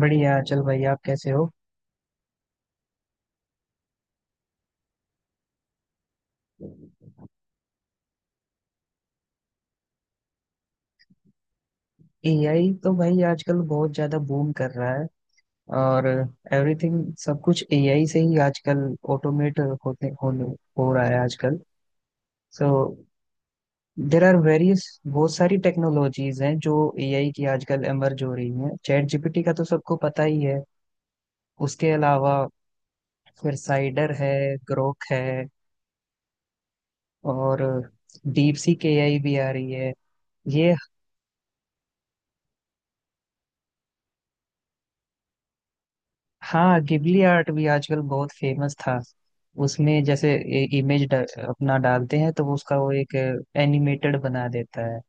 बढ़िया चल भाई। आप कैसे हो। एआई तो भाई आजकल बहुत ज्यादा बूम कर रहा है और एवरीथिंग सब कुछ एआई से ही आजकल ऑटोमेट होते होने हो रहा है आजकल। सो देर आर वेरियस बहुत सारी टेक्नोलॉजीज हैं जो एआई की आजकल एमर्ज हो रही हैं। चैट जीपीटी का तो सबको पता ही है। उसके अलावा फिर साइडर है, ग्रोक है, और डीप सीक एआई भी आ रही है। ये हाँ, गिबली आर्ट भी आजकल बहुत फेमस था। उसमें जैसे इमेज अपना डालते हैं तो वो उसका वो एक एनिमेटेड बना देता है।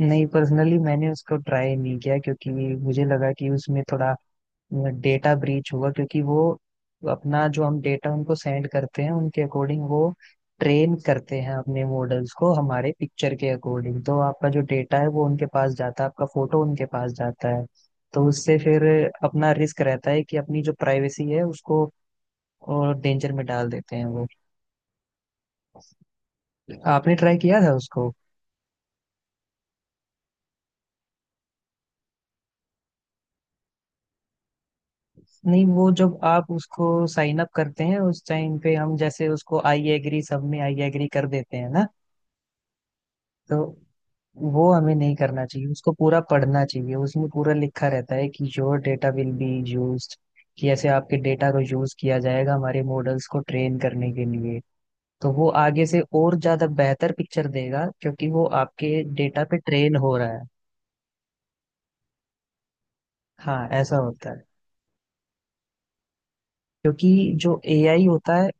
नहीं, पर्सनली मैंने उसको ट्राई नहीं किया क्योंकि मुझे लगा कि उसमें थोड़ा डेटा ब्रीच हुआ, क्योंकि वो अपना जो हम डेटा उनको सेंड करते हैं उनके अकॉर्डिंग वो ट्रेन करते हैं अपने मॉडल्स को हमारे पिक्चर के अकॉर्डिंग। तो आपका जो डेटा है वो उनके पास जाता है, आपका फोटो उनके पास जाता है। तो उससे फिर अपना रिस्क रहता है कि अपनी जो प्राइवेसी है उसको और डेंजर में डाल देते हैं वो। आपने ट्राई किया था उसको। नहीं, वो जब आप उसको साइन अप करते हैं उस टाइम पे हम जैसे उसको आई एग्री, सब में आई एग्री कर देते हैं ना। तो वो हमें नहीं करना चाहिए, उसको पूरा पढ़ना चाहिए। उसमें पूरा लिखा रहता है कि your data will be used, कि ऐसे आपके डेटा को यूज किया जाएगा हमारे मॉडल्स को ट्रेन करने के लिए। तो वो आगे से और ज्यादा बेहतर पिक्चर देगा क्योंकि वो आपके डेटा पे ट्रेन हो रहा है। हाँ, ऐसा होता है क्योंकि जो एआई होता है।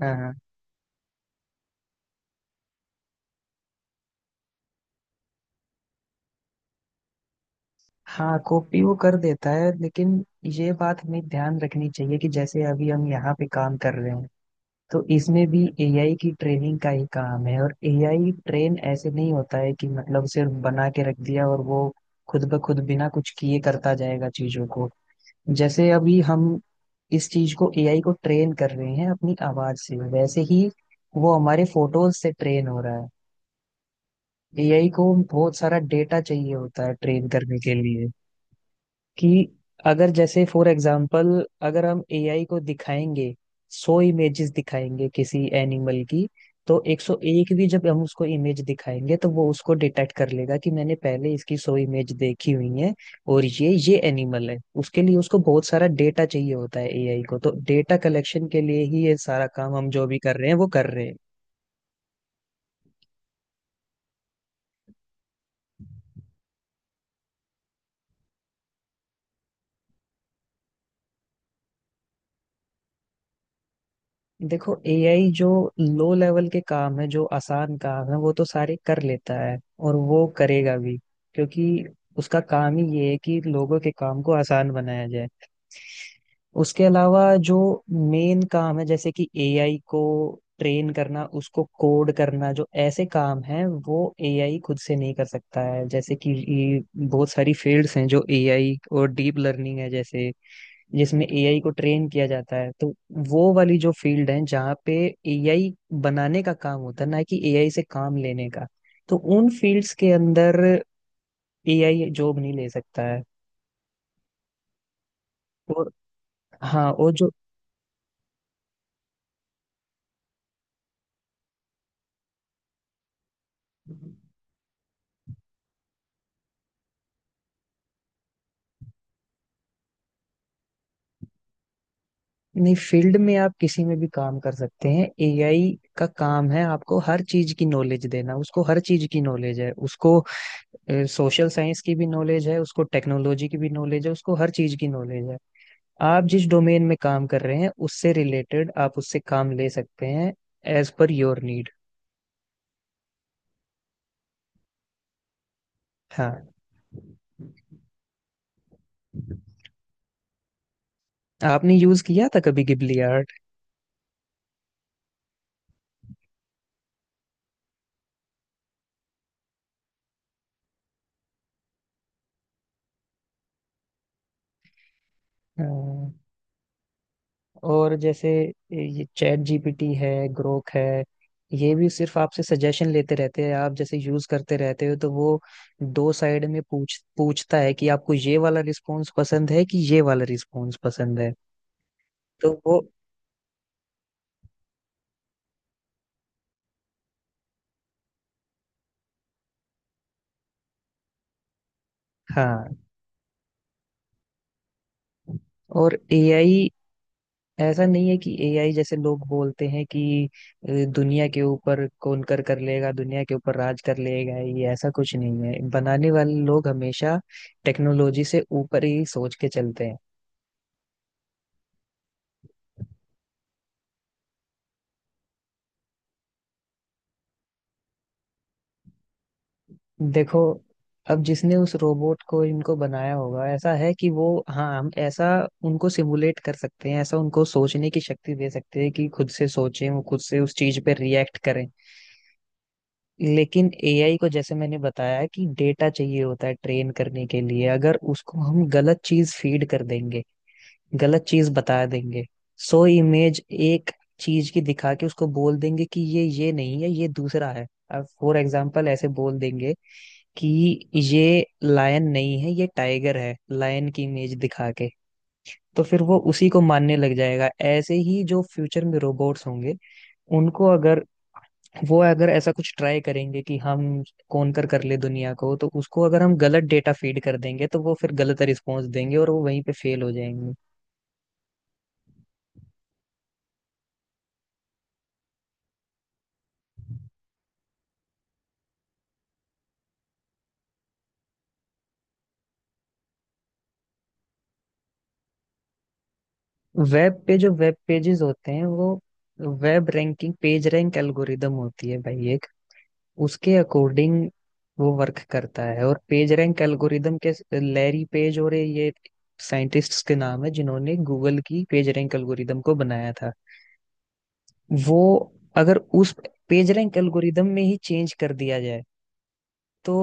हाँ हाँ, कॉपी वो कर देता है लेकिन ये बात हमें ध्यान रखनी चाहिए कि जैसे अभी हम यहाँ पे काम कर रहे हैं तो इसमें भी एआई की ट्रेनिंग का ही काम है। और एआई ट्रेन ऐसे नहीं होता है कि मतलब सिर्फ बना के रख दिया और वो खुद ब खुद बिना कुछ किए करता जाएगा चीजों को। जैसे अभी हम इस चीज को एआई को ट्रेन कर रहे हैं अपनी आवाज से, वैसे ही वो हमारे फोटोज से ट्रेन हो रहा है। एआई को बहुत सारा डेटा चाहिए होता है ट्रेन करने के लिए कि अगर जैसे फॉर एग्जाम्पल अगर हम एआई को दिखाएंगे 100 इमेजेस दिखाएंगे किसी एनिमल की, तो 101 भी जब हम उसको इमेज दिखाएंगे तो वो उसको डिटेक्ट कर लेगा कि मैंने पहले इसकी 100 इमेज देखी हुई है और ये एनिमल है। उसके लिए उसको बहुत सारा डेटा चाहिए होता है एआई को, तो डेटा कलेक्शन के लिए ही ये सारा काम हम जो भी कर रहे हैं वो कर रहे हैं। देखो, एआई जो लो लेवल के काम है, जो आसान काम है वो तो सारे कर लेता है और वो करेगा भी, क्योंकि उसका काम ही ये है कि लोगों के काम को आसान बनाया जाए। उसके अलावा जो मेन काम है, जैसे कि एआई को ट्रेन करना, उसको कोड करना, जो ऐसे काम हैं वो एआई खुद से नहीं कर सकता है। जैसे कि ये बहुत सारी फील्ड्स हैं जो एआई और डीप लर्निंग है, जैसे जिसमें एआई को ट्रेन किया जाता है, तो वो वाली जो फील्ड है जहाँ पे एआई बनाने का काम होता है, ना कि एआई से काम लेने का, तो उन फील्ड्स के अंदर एआई जॉब नहीं ले सकता है। और हाँ और जो नहीं, फील्ड में आप किसी में भी काम कर सकते हैं। एआई का काम है आपको हर चीज की नॉलेज देना, उसको हर चीज की नॉलेज है। उसको सोशल साइंस की भी नॉलेज है, उसको टेक्नोलॉजी की भी नॉलेज है, उसको हर चीज की नॉलेज है। आप जिस डोमेन में काम कर रहे हैं उससे रिलेटेड आप उससे काम ले सकते हैं एज पर योर नीड। हाँ। आपने यूज किया था कभी गिबली आर्ट। और जैसे ये चैट जीपीटी है, ग्रोक है, ये भी सिर्फ आपसे सजेशन लेते रहते हैं। आप जैसे यूज करते रहते हो तो वो दो साइड में पूछता है कि आपको ये वाला रिस्पॉन्स पसंद है कि ये वाला रिस्पॉन्स पसंद है। तो वो हाँ। और एआई ऐसा नहीं है कि एआई जैसे लोग बोलते हैं कि अ, दुनिया के ऊपर कौनकर कर लेगा, दुनिया के ऊपर राज कर लेगा। ये ऐसा कुछ नहीं है, बनाने वाले लोग हमेशा टेक्नोलॉजी से ऊपर ही सोच के चलते हैं। देखो, अब जिसने उस रोबोट को इनको बनाया होगा ऐसा है कि वो हाँ, हम ऐसा उनको सिमुलेट कर सकते हैं, ऐसा उनको सोचने की शक्ति दे सकते हैं कि खुद से सोचें, वो खुद से उस चीज पे रिएक्ट करें। लेकिन एआई को, जैसे मैंने बताया कि डेटा चाहिए होता है ट्रेन करने के लिए, अगर उसको हम गलत चीज फीड कर देंगे, गलत चीज बता देंगे, सो इमेज एक चीज की दिखा के उसको बोल देंगे कि ये नहीं है ये दूसरा है। अब फॉर एग्जाम्पल ऐसे बोल देंगे कि ये लायन नहीं है ये टाइगर है, लायन की इमेज दिखा के, तो फिर वो उसी को मानने लग जाएगा। ऐसे ही जो फ्यूचर में रोबोट्स होंगे, उनको अगर, वो अगर ऐसा कुछ ट्राई करेंगे कि हम कौन कर कर ले दुनिया को, तो उसको अगर हम गलत डेटा फीड कर देंगे तो वो फिर गलत रिस्पॉन्स देंगे और वो वहीं पे फेल हो जाएंगे। वेब पे जो वेब पेजेस होते हैं वो web ranking, page rank algorithm होती है भाई एक, उसके अकॉर्डिंग वो वर्क करता है। और पेज रैंक एल्गोरिदम के लैरी पेज और ये साइंटिस्ट्स के नाम है जिन्होंने गूगल की पेज रैंक एल्गोरिदम को बनाया था। वो अगर उस पेज रैंक एल्गोरिदम में ही चेंज कर दिया जाए तो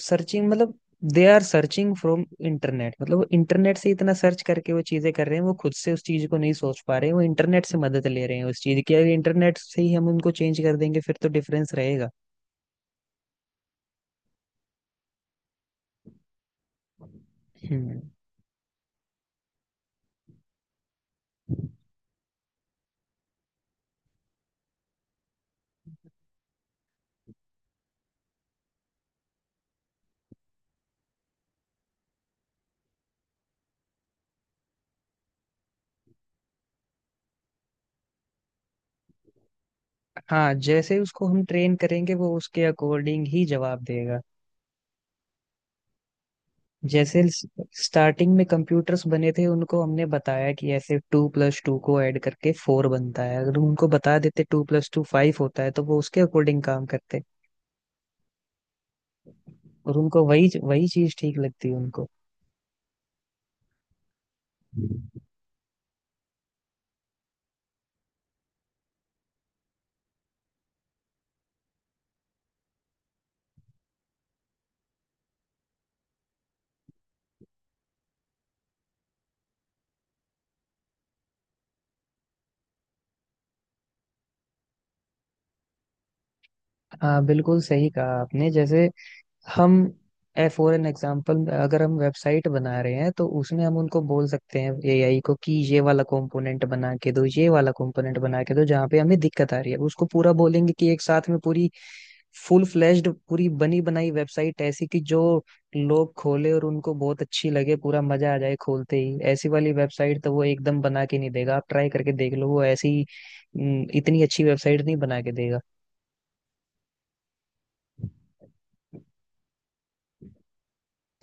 सर्चिंग मतलब they are searching from internet, मतलब वो इंटरनेट से इतना सर्च करके वो चीजें कर रहे हैं, वो खुद से उस चीज को नहीं सोच पा रहे हैं, वो इंटरनेट से मदद ले रहे हैं उस चीज की। अगर इंटरनेट से ही हम उनको चेंज कर देंगे फिर तो डिफरेंस रहेगा। हम्म। हाँ, जैसे उसको हम ट्रेन करेंगे वो उसके अकॉर्डिंग ही जवाब देगा। जैसे स्टार्टिंग में कंप्यूटर्स बने थे, उनको हमने बताया कि ऐसे 2 प्लस 2 को ऐड करके 4 बनता है। अगर उनको बता देते 2 प्लस 2 5 होता है तो वो उसके अकॉर्डिंग काम करते। और उनको वही वही चीज ठीक लगती है उनको। हाँ, बिल्कुल सही कहा आपने। जैसे हम फॉर एन एग्जाम्पल अगर हम वेबसाइट बना रहे हैं तो उसमें हम उनको बोल सकते हैं एआई को कि ये वाला कंपोनेंट बना के दो, ये वाला कंपोनेंट बना के दो जहाँ पे हमें दिक्कत आ रही है। उसको पूरा बोलेंगे कि एक साथ में पूरी फुल फ्लेश्ड पूरी बनी बनाई वेबसाइट, ऐसी कि जो लोग खोले और उनको बहुत अच्छी लगे, पूरा मजा आ जाए खोलते ही, ऐसी वाली वेबसाइट तो वो एकदम बना के नहीं देगा। आप ट्राई करके देख लो, वो ऐसी इतनी अच्छी वेबसाइट नहीं बना के देगा।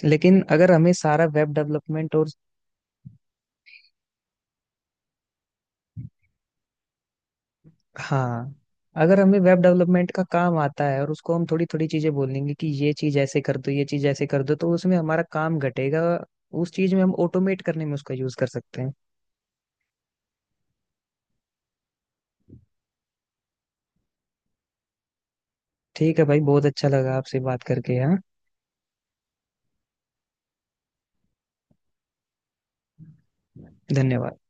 लेकिन अगर हमें सारा वेब डेवलपमेंट और हाँ, अगर हमें वेब डेवलपमेंट का काम आता है और उसको हम थोड़ी थोड़ी चीजें बोलेंगे कि ये चीज ऐसे कर दो, ये चीज ऐसे कर दो, तो उसमें हमारा काम घटेगा। उस चीज में हम ऑटोमेट करने में उसका यूज कर सकते हैं। ठीक है भाई, बहुत अच्छा लगा आपसे बात करके। हाँ, धन्यवाद।